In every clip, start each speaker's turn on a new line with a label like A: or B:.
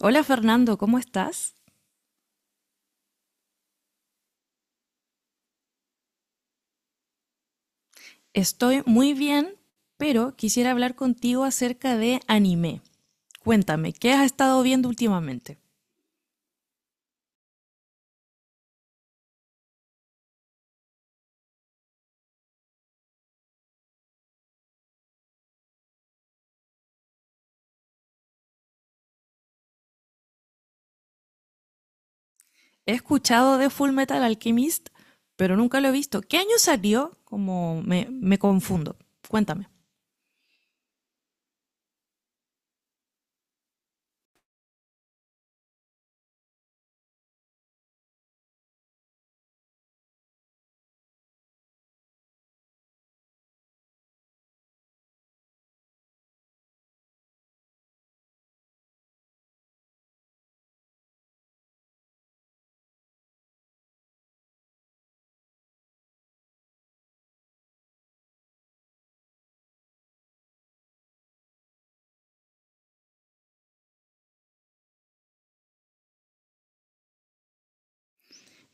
A: Hola Fernando, ¿cómo estás? Estoy muy bien, pero quisiera hablar contigo acerca de anime. Cuéntame, ¿qué has estado viendo últimamente? He escuchado de Full Metal Alchemist, pero nunca lo he visto. ¿Qué año salió? Como me confundo. Cuéntame.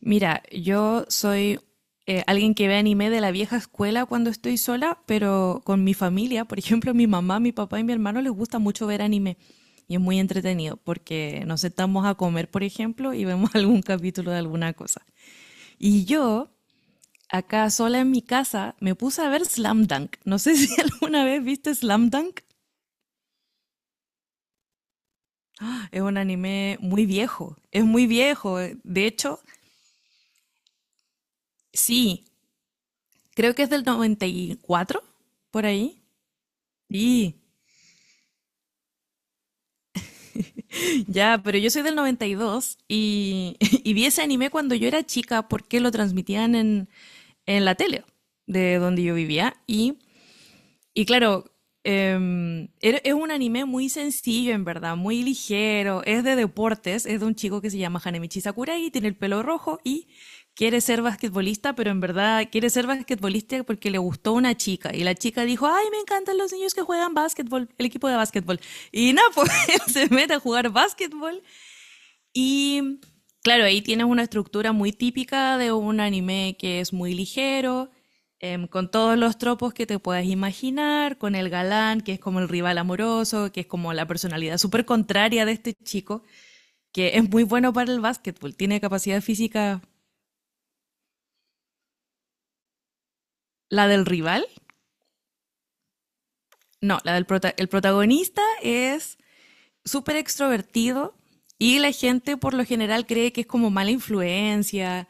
A: Mira, yo soy alguien que ve anime de la vieja escuela cuando estoy sola, pero con mi familia, por ejemplo, mi mamá, mi papá y mi hermano les gusta mucho ver anime. Y es muy entretenido porque nos sentamos a comer, por ejemplo, y vemos algún capítulo de alguna cosa. Y yo, acá sola en mi casa, me puse a ver Slam Dunk. No sé si alguna vez viste Slam Dunk. Es un anime muy viejo. Es muy viejo. De hecho, sí, creo que es del 94 por ahí. Sí, ya, pero yo soy del 92 y y vi ese anime cuando yo era chica porque lo transmitían en la tele de donde yo vivía. Y claro, es un anime muy sencillo en verdad, muy ligero, es de deportes, es de un chico que se llama Hanemichi Sakurai, tiene el pelo rojo y quiere ser basquetbolista, pero en verdad quiere ser basquetbolista porque le gustó una chica. Y la chica dijo, ay, me encantan los niños que juegan básquetbol, el equipo de básquetbol. Y nada, pues él se mete a jugar básquetbol y claro, ahí tienes una estructura muy típica de un anime que es muy ligero, con todos los tropos que te puedas imaginar, con el galán, que es como el rival amoroso, que es como la personalidad súper contraria de este chico, que es muy bueno para el básquetbol, tiene capacidad física, la del rival, no, el protagonista es súper extrovertido y la gente por lo general cree que es como mala influencia,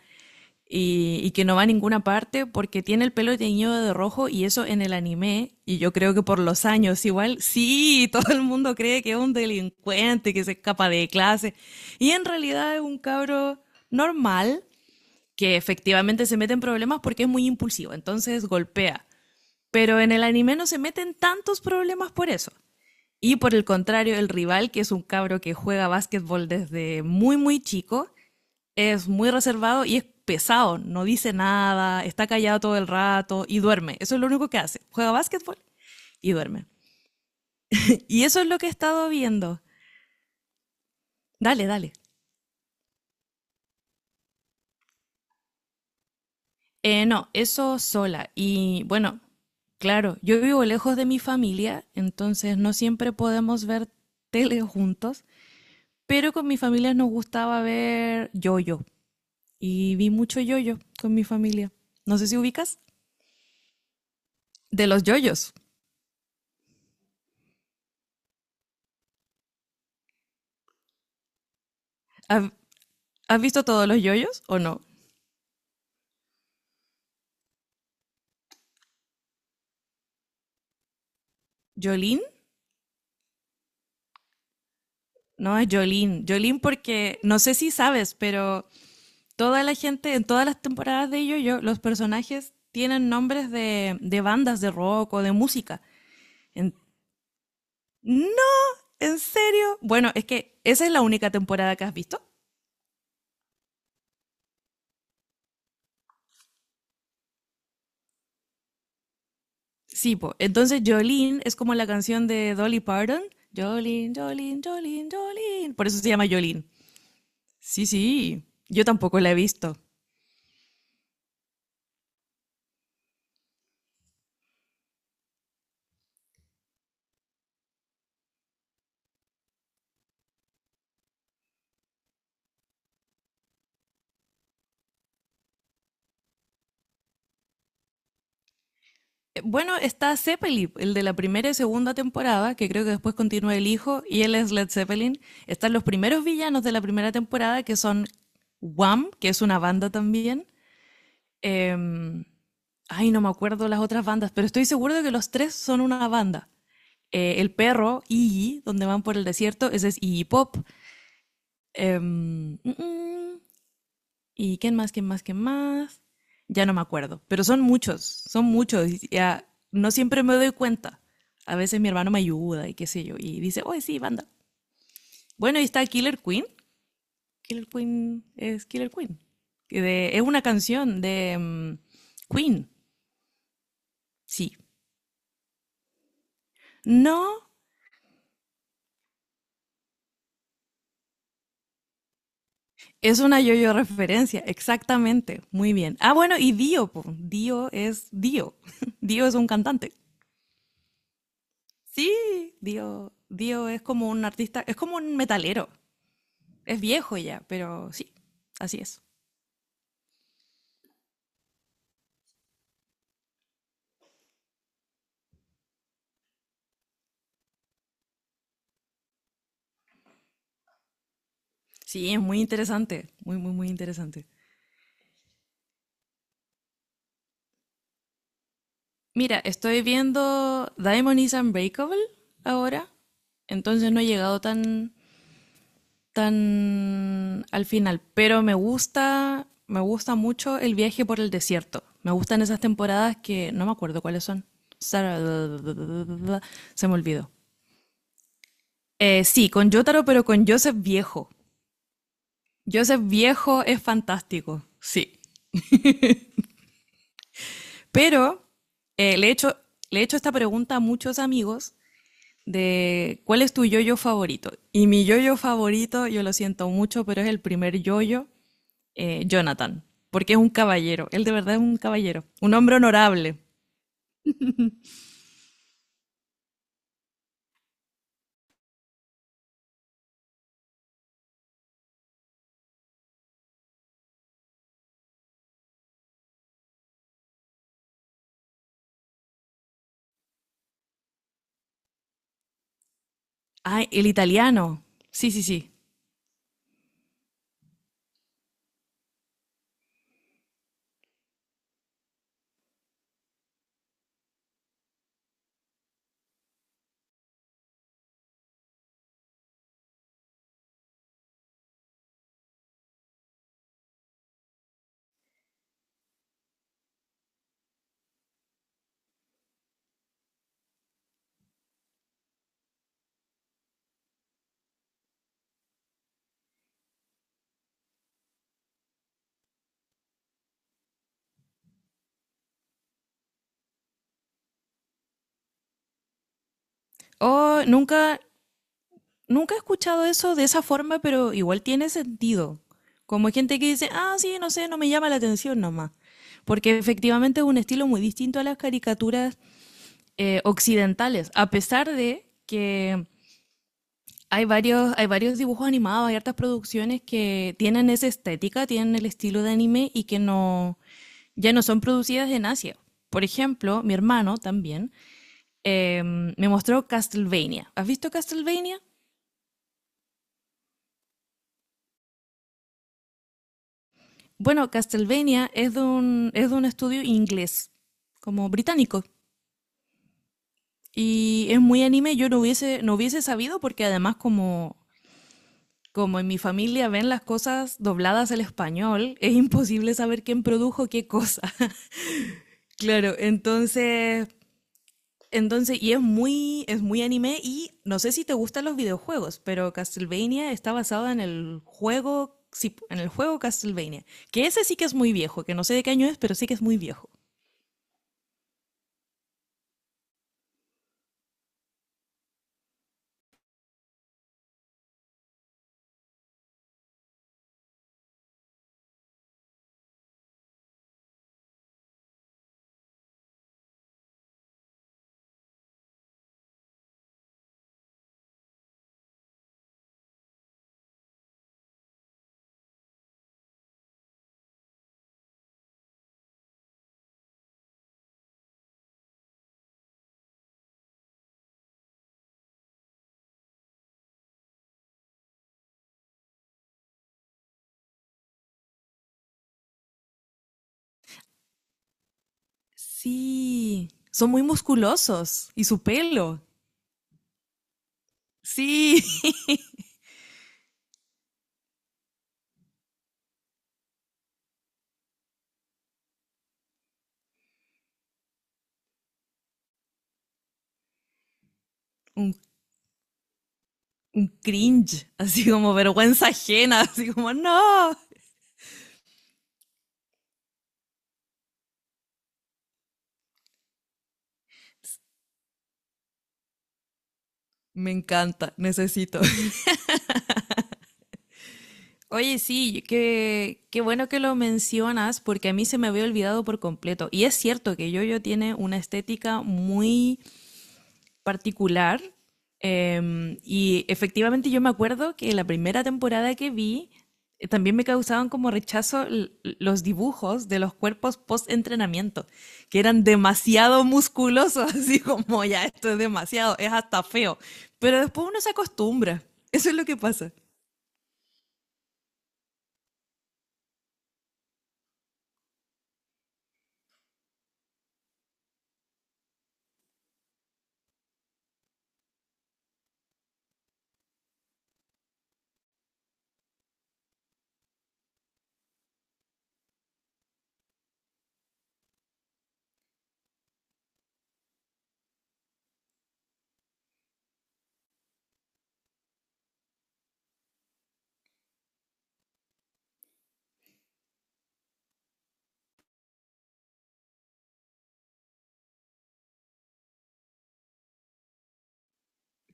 A: y que no va a ninguna parte porque tiene el pelo teñido de rojo y eso en el anime, y yo creo que por los años igual, sí, todo el mundo cree que es un delincuente, que se escapa de clase, y en realidad es un cabro normal que efectivamente se mete en problemas porque es muy impulsivo, entonces golpea. Pero en el anime no se meten tantos problemas por eso. Y por el contrario, el rival, que es un cabro que juega básquetbol desde muy, muy chico, es muy reservado y es pesado, no dice nada, está callado todo el rato y duerme. Eso es lo único que hace. Juega básquetbol y duerme. Y eso es lo que he estado viendo. Dale, dale. No, eso sola. Y bueno, claro, yo vivo lejos de mi familia, entonces no siempre podemos ver tele juntos, pero con mi familia nos gustaba ver yoyo. Y vi mucho yoyo con mi familia. No sé si ubicas. De los yoyos. ¿Has, has visto todos los yoyos o no? Jolín, no, es Jolín. Jolín porque, no sé si sabes, pero toda la gente, en todas las temporadas de Yo-Yo, los personajes tienen nombres de bandas de rock o de música. En- no, ¿en serio? Bueno, es que esa es la única temporada que has visto. Sí, po. Entonces Jolene es como la canción de Dolly Parton. Jolene, Jolene, Jolene, Jolene. Por eso se llama Jolene. Sí, sí. Yo tampoco la he visto. Bueno, está Zeppelin, el de la primera y segunda temporada, que creo que después continúa el hijo, y él es Led Zeppelin. Están los primeros villanos de la primera temporada, que son Wham, que es una banda también. Em, ay, no me acuerdo las otras bandas, pero estoy seguro de que los tres son una banda. El perro, Iggy, donde van por el desierto, ese es Iggy Pop. Em, mm, mm, ¿Y quién más, quién más, quién más? Ya no me acuerdo, pero son muchos, son muchos. Y ya no siempre me doy cuenta. A veces mi hermano me ayuda y qué sé yo, y dice, oye, sí, banda. Bueno, y está Killer Queen. Killer Queen es Killer Queen. Es una canción de Queen, sí. No, es una yo-yo referencia, exactamente. Muy bien. Ah, bueno, y Dio, po. Dio es Dio. Dio es un cantante. Sí, Dio, Dio es como un artista, es como un metalero. Es viejo ya, pero sí, así es. Sí, es muy interesante, muy, muy, muy interesante. Mira, estoy viendo Diamond is Unbreakable ahora, entonces no he llegado tan, tan al final, pero me gusta mucho el viaje por el desierto. Me gustan esas temporadas que no me acuerdo cuáles son. Sara- Se me olvidó. Sí, con Jotaro, pero con Joseph Viejo. Joseph Viejo es fantástico, sí. Pero eh, le he hecho, le he hecho esta pregunta a muchos amigos de cuál es tu yoyo favorito. Y mi yoyo favorito, yo lo siento mucho, pero es el primer yoyo, Jonathan, porque es un caballero. Él de verdad es un caballero, un hombre honorable. Ay, el italiano. Sí, sí, sí. Oh, nunca, nunca he escuchado eso de esa forma, pero igual tiene sentido. Como hay gente que dice, ah, sí, no sé, no me llama la atención nomás. Porque efectivamente es un estilo muy distinto a las caricaturas occidentales, a pesar de que hay varios dibujos animados, hay hartas producciones que tienen esa estética, tienen el estilo de anime y que no, ya no son producidas en Asia. Por ejemplo, mi hermano también me mostró Castlevania. ¿Has visto Castlevania? Bueno, Castlevania es es de un estudio inglés, como británico. Y es muy anime, yo no hubiese, no hubiese sabido porque además como como en mi familia ven las cosas dobladas al español, es imposible saber quién produjo qué cosa. Claro, entonces, entonces, es muy anime y no sé si te gustan los videojuegos, pero Castlevania está basado en el juego, sí, en el juego Castlevania, que ese sí que es muy viejo, que no sé de qué año es, pero sí que es muy viejo. Sí, son muy musculosos y su pelo. Sí, un, un cringe, así como vergüenza ajena, así como no. Me encanta, necesito. Oye, sí, qué, qué bueno que lo mencionas porque a mí se me había olvidado por completo. Y es cierto que Yoyo tiene una estética muy particular. Y efectivamente yo me acuerdo que la primera temporada que vi también me causaban como rechazo los dibujos de los cuerpos post-entrenamiento, que eran demasiado musculosos, así como ya esto es demasiado, es hasta feo. Pero después uno se acostumbra. Eso es lo que pasa.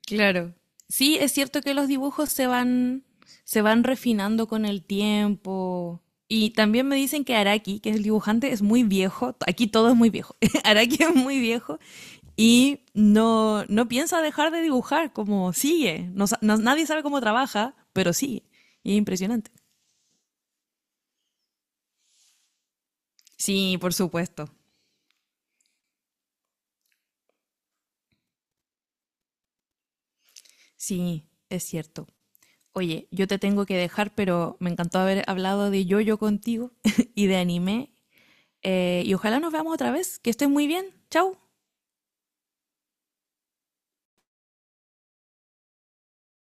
A: Claro. Sí, es cierto que los dibujos se van refinando con el tiempo. Y también me dicen que Araki, que es el dibujante, es muy viejo. Aquí todo es muy viejo. Araki es muy viejo y no, no piensa dejar de dibujar, como sigue. Nadie sabe cómo trabaja, pero sigue. Y es impresionante. Sí, por supuesto. Sí, es cierto. Oye, yo te tengo que dejar, pero me encantó haber hablado de yoyo contigo y de anime. Y ojalá nos veamos otra vez. Que estés muy bien. Chau.